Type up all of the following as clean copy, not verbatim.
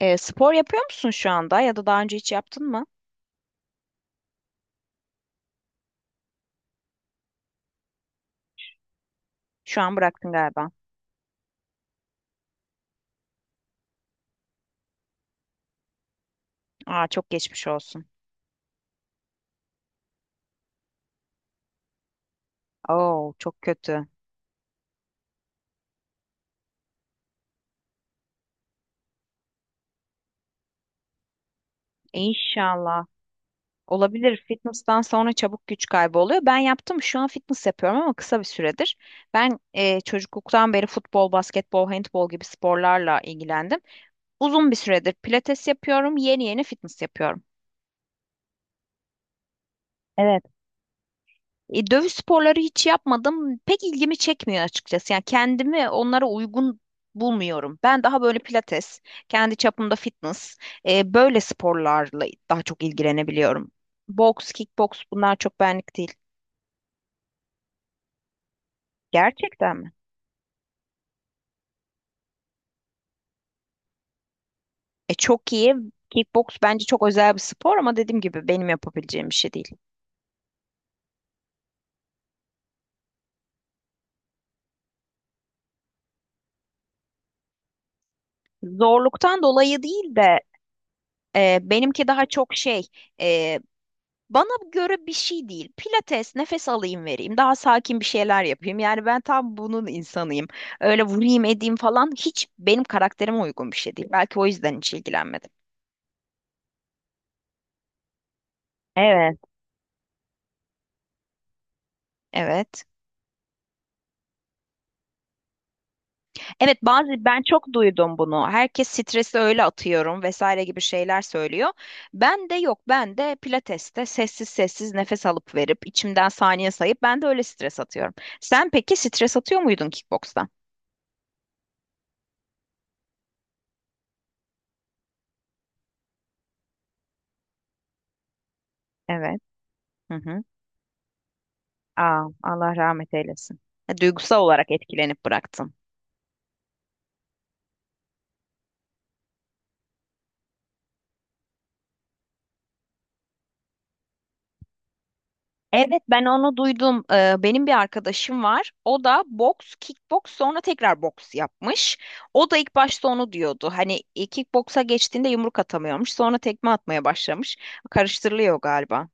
Spor yapıyor musun şu anda ya da daha önce hiç yaptın mı? Şu an bıraktın galiba. Aa, çok geçmiş olsun. Oo, çok kötü. İnşallah. Olabilir. Fitness'tan sonra çabuk güç kaybı oluyor. Ben yaptım. Şu an fitness yapıyorum ama kısa bir süredir. Ben çocukluktan beri futbol, basketbol, handbol gibi sporlarla ilgilendim. Uzun bir süredir pilates yapıyorum. Yeni yeni fitness yapıyorum. Evet. Dövüş sporları hiç yapmadım. Pek ilgimi çekmiyor açıkçası. Yani kendimi onlara uygun bulmuyorum. Ben daha böyle pilates, kendi çapımda fitness, böyle sporlarla daha çok ilgilenebiliyorum. Boks, kickboks bunlar çok benlik değil. Gerçekten mi? E, çok iyi. Kickboks bence çok özel bir spor ama dediğim gibi benim yapabileceğim bir şey değil. Zorluktan dolayı değil de benimki daha çok şey. e, Bana göre bir şey değil. Pilates, nefes alayım vereyim, daha sakin bir şeyler yapayım. Yani ben tam bunun insanıyım. Öyle vurayım edeyim falan hiç benim karakterime uygun bir şey değil. Belki o yüzden hiç ilgilenmedim. Evet. Evet. Evet, bazı ben çok duydum bunu. Herkes stresi öyle atıyorum vesaire gibi şeyler söylüyor. Ben de yok. Ben de pilateste sessiz sessiz nefes alıp verip içimden saniye sayıp ben de öyle stres atıyorum. Sen peki stres atıyor muydun kickbokstan? Evet. Hı hı. Aa, Allah rahmet eylesin. E, duygusal olarak etkilenip bıraktın. Evet, ben onu duydum. Benim bir arkadaşım var. O da boks, kickboks sonra tekrar boks yapmış. O da ilk başta onu diyordu. Hani kickboksa geçtiğinde yumruk atamıyormuş. Sonra tekme atmaya başlamış. Karıştırılıyor galiba.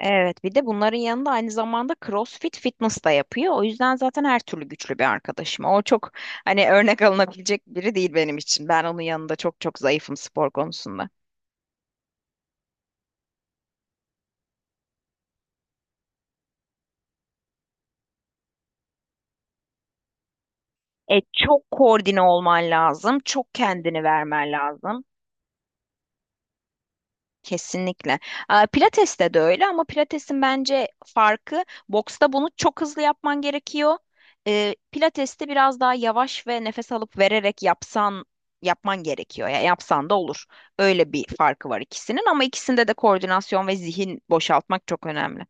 Evet, bir de bunların yanında aynı zamanda CrossFit fitness da yapıyor. O yüzden zaten her türlü güçlü bir arkadaşım. O çok hani örnek alınabilecek biri değil benim için. Ben onun yanında çok çok zayıfım spor konusunda. Çok koordine olman lazım. Çok kendini vermen lazım. Kesinlikle. Aa, Pilates'te de öyle ama Pilates'in bence farkı boksta bunu çok hızlı yapman gerekiyor. Pilates'te biraz daha yavaş ve nefes alıp vererek yapsan yapman gerekiyor. Ya yapsan da olur. Öyle bir farkı var ikisinin ama ikisinde de koordinasyon ve zihin boşaltmak çok önemli.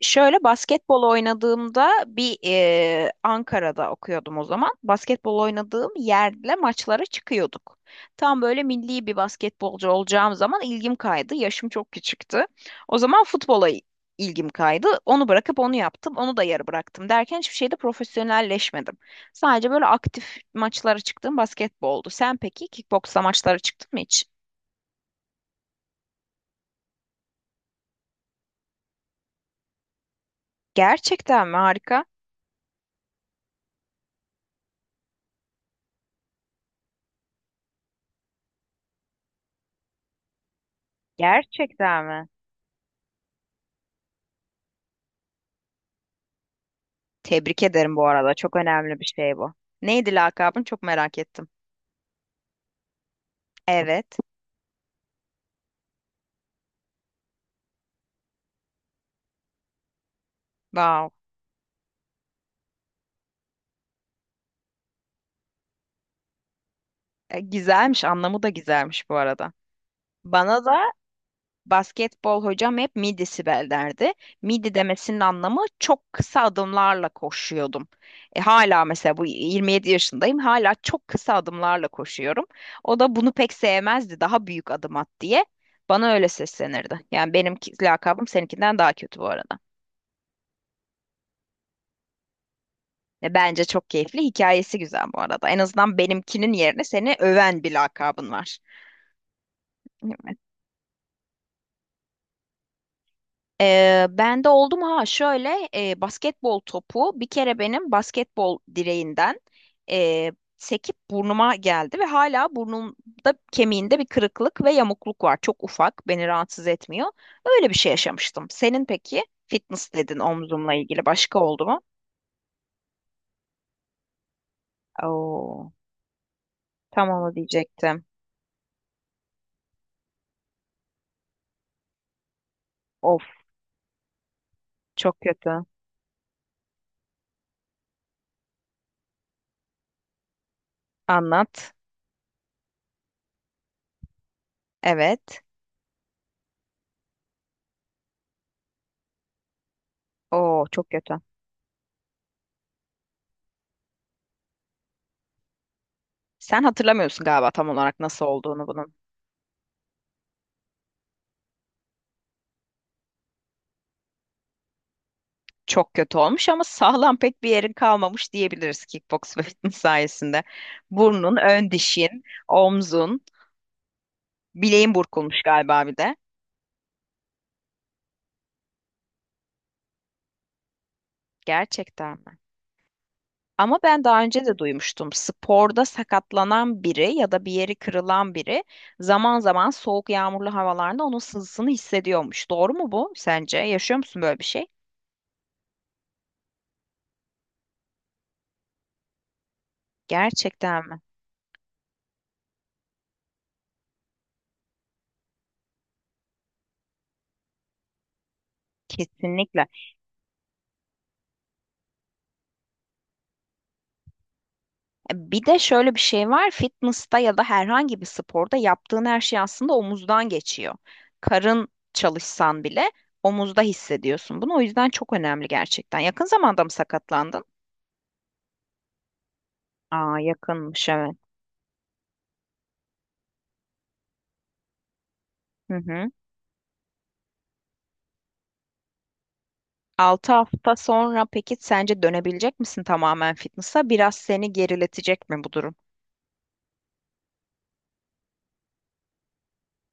Şöyle basketbol oynadığımda bir Ankara'da okuyordum o zaman. Basketbol oynadığım yerle maçlara çıkıyorduk. Tam böyle milli bir basketbolcu olacağım zaman ilgim kaydı. Yaşım çok küçüktü. O zaman futbola ilgim kaydı. Onu bırakıp onu yaptım. Onu da yarı bıraktım derken hiçbir şeyde profesyonelleşmedim. Sadece böyle aktif maçlara çıktığım basketboldu. Sen peki kickboksla maçlara çıktın mı hiç? Gerçekten mi? Harika. Gerçekten mi? Tebrik ederim bu arada. Çok önemli bir şey bu. Neydi lakabın? Çok merak ettim. Evet. Wow. E, güzelmiş. Anlamı da güzelmiş bu arada. Bana da basketbol hocam hep midi Sibel derdi. Midi demesinin anlamı çok kısa adımlarla koşuyordum. E, hala mesela bu 27 yaşındayım. Hala çok kısa adımlarla koşuyorum. O da bunu pek sevmezdi. Daha büyük adım at diye. Bana öyle seslenirdi. Yani benim ki- lakabım seninkinden daha kötü bu arada. Ve bence çok keyifli. Hikayesi güzel bu arada. En azından benimkinin yerine seni öven bir lakabın var. Evet. Ben de oldum ha şöyle basketbol topu bir kere benim basketbol direğinden e, sekip burnuma geldi ve hala burnumda kemiğinde bir kırıklık ve yamukluk var. Çok ufak, beni rahatsız etmiyor. Öyle bir şey yaşamıştım. Senin peki fitness dedin omzumla ilgili başka oldu mu? Oo, tam onu diyecektim. Of, çok kötü. Anlat. Evet. Oo, çok kötü. Sen hatırlamıyorsun galiba tam olarak nasıl olduğunu bunun. Çok kötü olmuş ama sağlam pek bir yerin kalmamış diyebiliriz kickbox ve fitness sayesinde. Burnun, ön dişin, omzun, bileğin burkulmuş galiba bir de. Gerçekten mi? Ama ben daha önce de duymuştum. Sporda sakatlanan biri ya da bir yeri kırılan biri zaman zaman soğuk yağmurlu havalarda onun sızısını hissediyormuş. Doğru mu bu sence? Yaşıyor musun böyle bir şey? Gerçekten mi? Kesinlikle. Bir de şöyle bir şey var. Fitness'ta ya da herhangi bir sporda yaptığın her şey aslında omuzdan geçiyor. Karın çalışsan bile omuzda hissediyorsun bunu. O yüzden çok önemli gerçekten. Yakın zamanda mı sakatlandın? Aa, yakınmış evet. Hı hı. 6 hafta sonra peki sence dönebilecek misin tamamen fitness'a? Biraz seni geriletecek mi bu durum?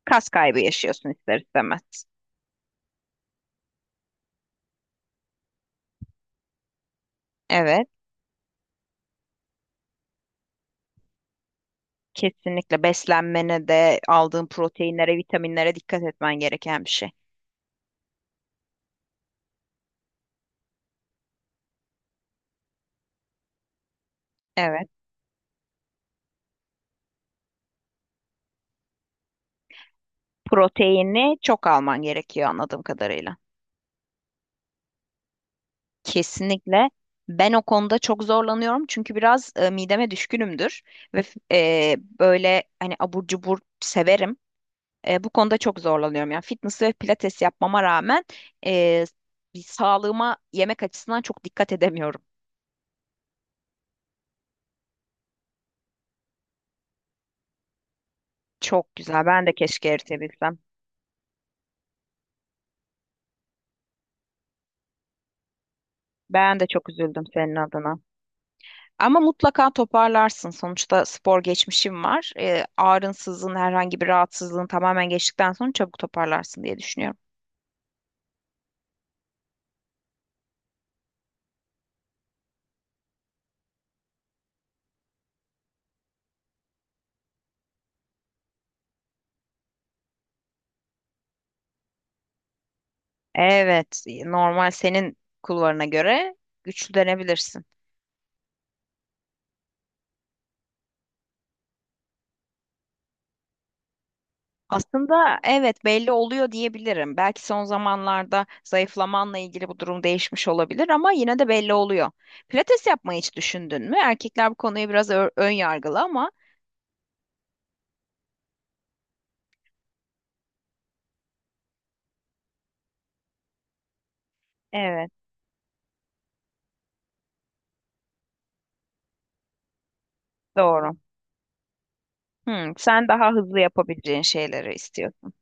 Kas kaybı yaşıyorsun ister istemez. Evet, kesinlikle beslenmene de aldığın proteinlere, vitaminlere dikkat etmen gereken bir şey. Evet, proteini çok alman gerekiyor anladığım kadarıyla. Kesinlikle. Ben o konuda çok zorlanıyorum çünkü biraz mideme düşkünümdür ve böyle hani abur cubur severim. Bu konuda çok zorlanıyorum. Yani fitness ve pilates yapmama rağmen e, bir sağlığıma yemek açısından çok dikkat edemiyorum. Çok güzel. Ben de keşke eritebilsem. Ben de çok üzüldüm senin adına. Ama mutlaka toparlarsın. Sonuçta spor geçmişim var. Ağrınsızlığın, herhangi bir rahatsızlığın tamamen geçtikten sonra çabuk toparlarsın diye düşünüyorum. Evet, normal senin kulvarına göre güçlü denebilirsin. Aslında evet belli oluyor diyebilirim. Belki son zamanlarda zayıflamanla ilgili bu durum değişmiş olabilir ama yine de belli oluyor. Pilates yapmayı hiç düşündün mü? Erkekler bu konuya biraz ön yargılı ama evet doğru. Hmm, sen daha hızlı yapabileceğin şeyleri istiyorsun.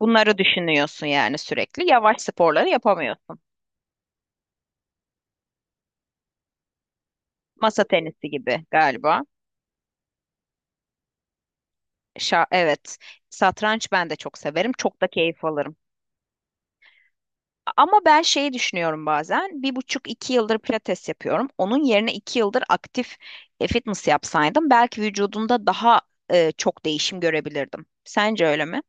Bunları düşünüyorsun yani sürekli. Yavaş sporları yapamıyorsun. Masa tenisi gibi galiba. Şa evet. Satranç ben de çok severim. Çok da keyif alırım. Ama ben şeyi düşünüyorum bazen. Bir buçuk iki yıldır pilates yapıyorum. Onun yerine iki yıldır aktif fitness yapsaydım belki vücudumda daha çok değişim görebilirdim. Sence öyle mi?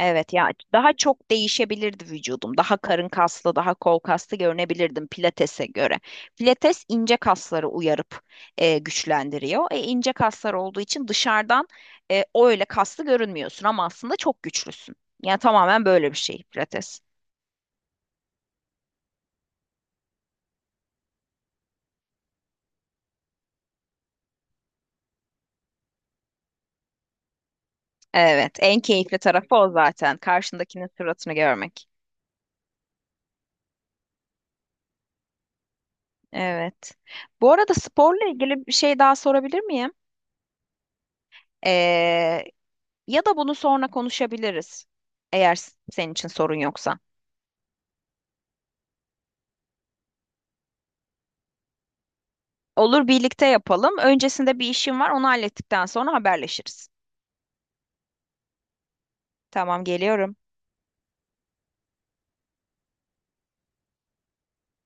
Evet ya, daha çok değişebilirdi vücudum. Daha karın kaslı, daha kol kaslı görünebilirdim pilatese göre. Pilates ince kasları uyarıp güçlendiriyor. E, ince kaslar olduğu için dışarıdan öyle kaslı görünmüyorsun ama aslında çok güçlüsün. Yani tamamen böyle bir şey pilates. Evet, en keyifli tarafı o zaten. Karşındakinin suratını görmek. Evet. Bu arada sporla ilgili bir şey daha sorabilir miyim? E, ya da bunu sonra konuşabiliriz. Eğer senin için sorun yoksa. Olur, birlikte yapalım. Öncesinde bir işim var, onu hallettikten sonra haberleşiriz. Tamam, geliyorum.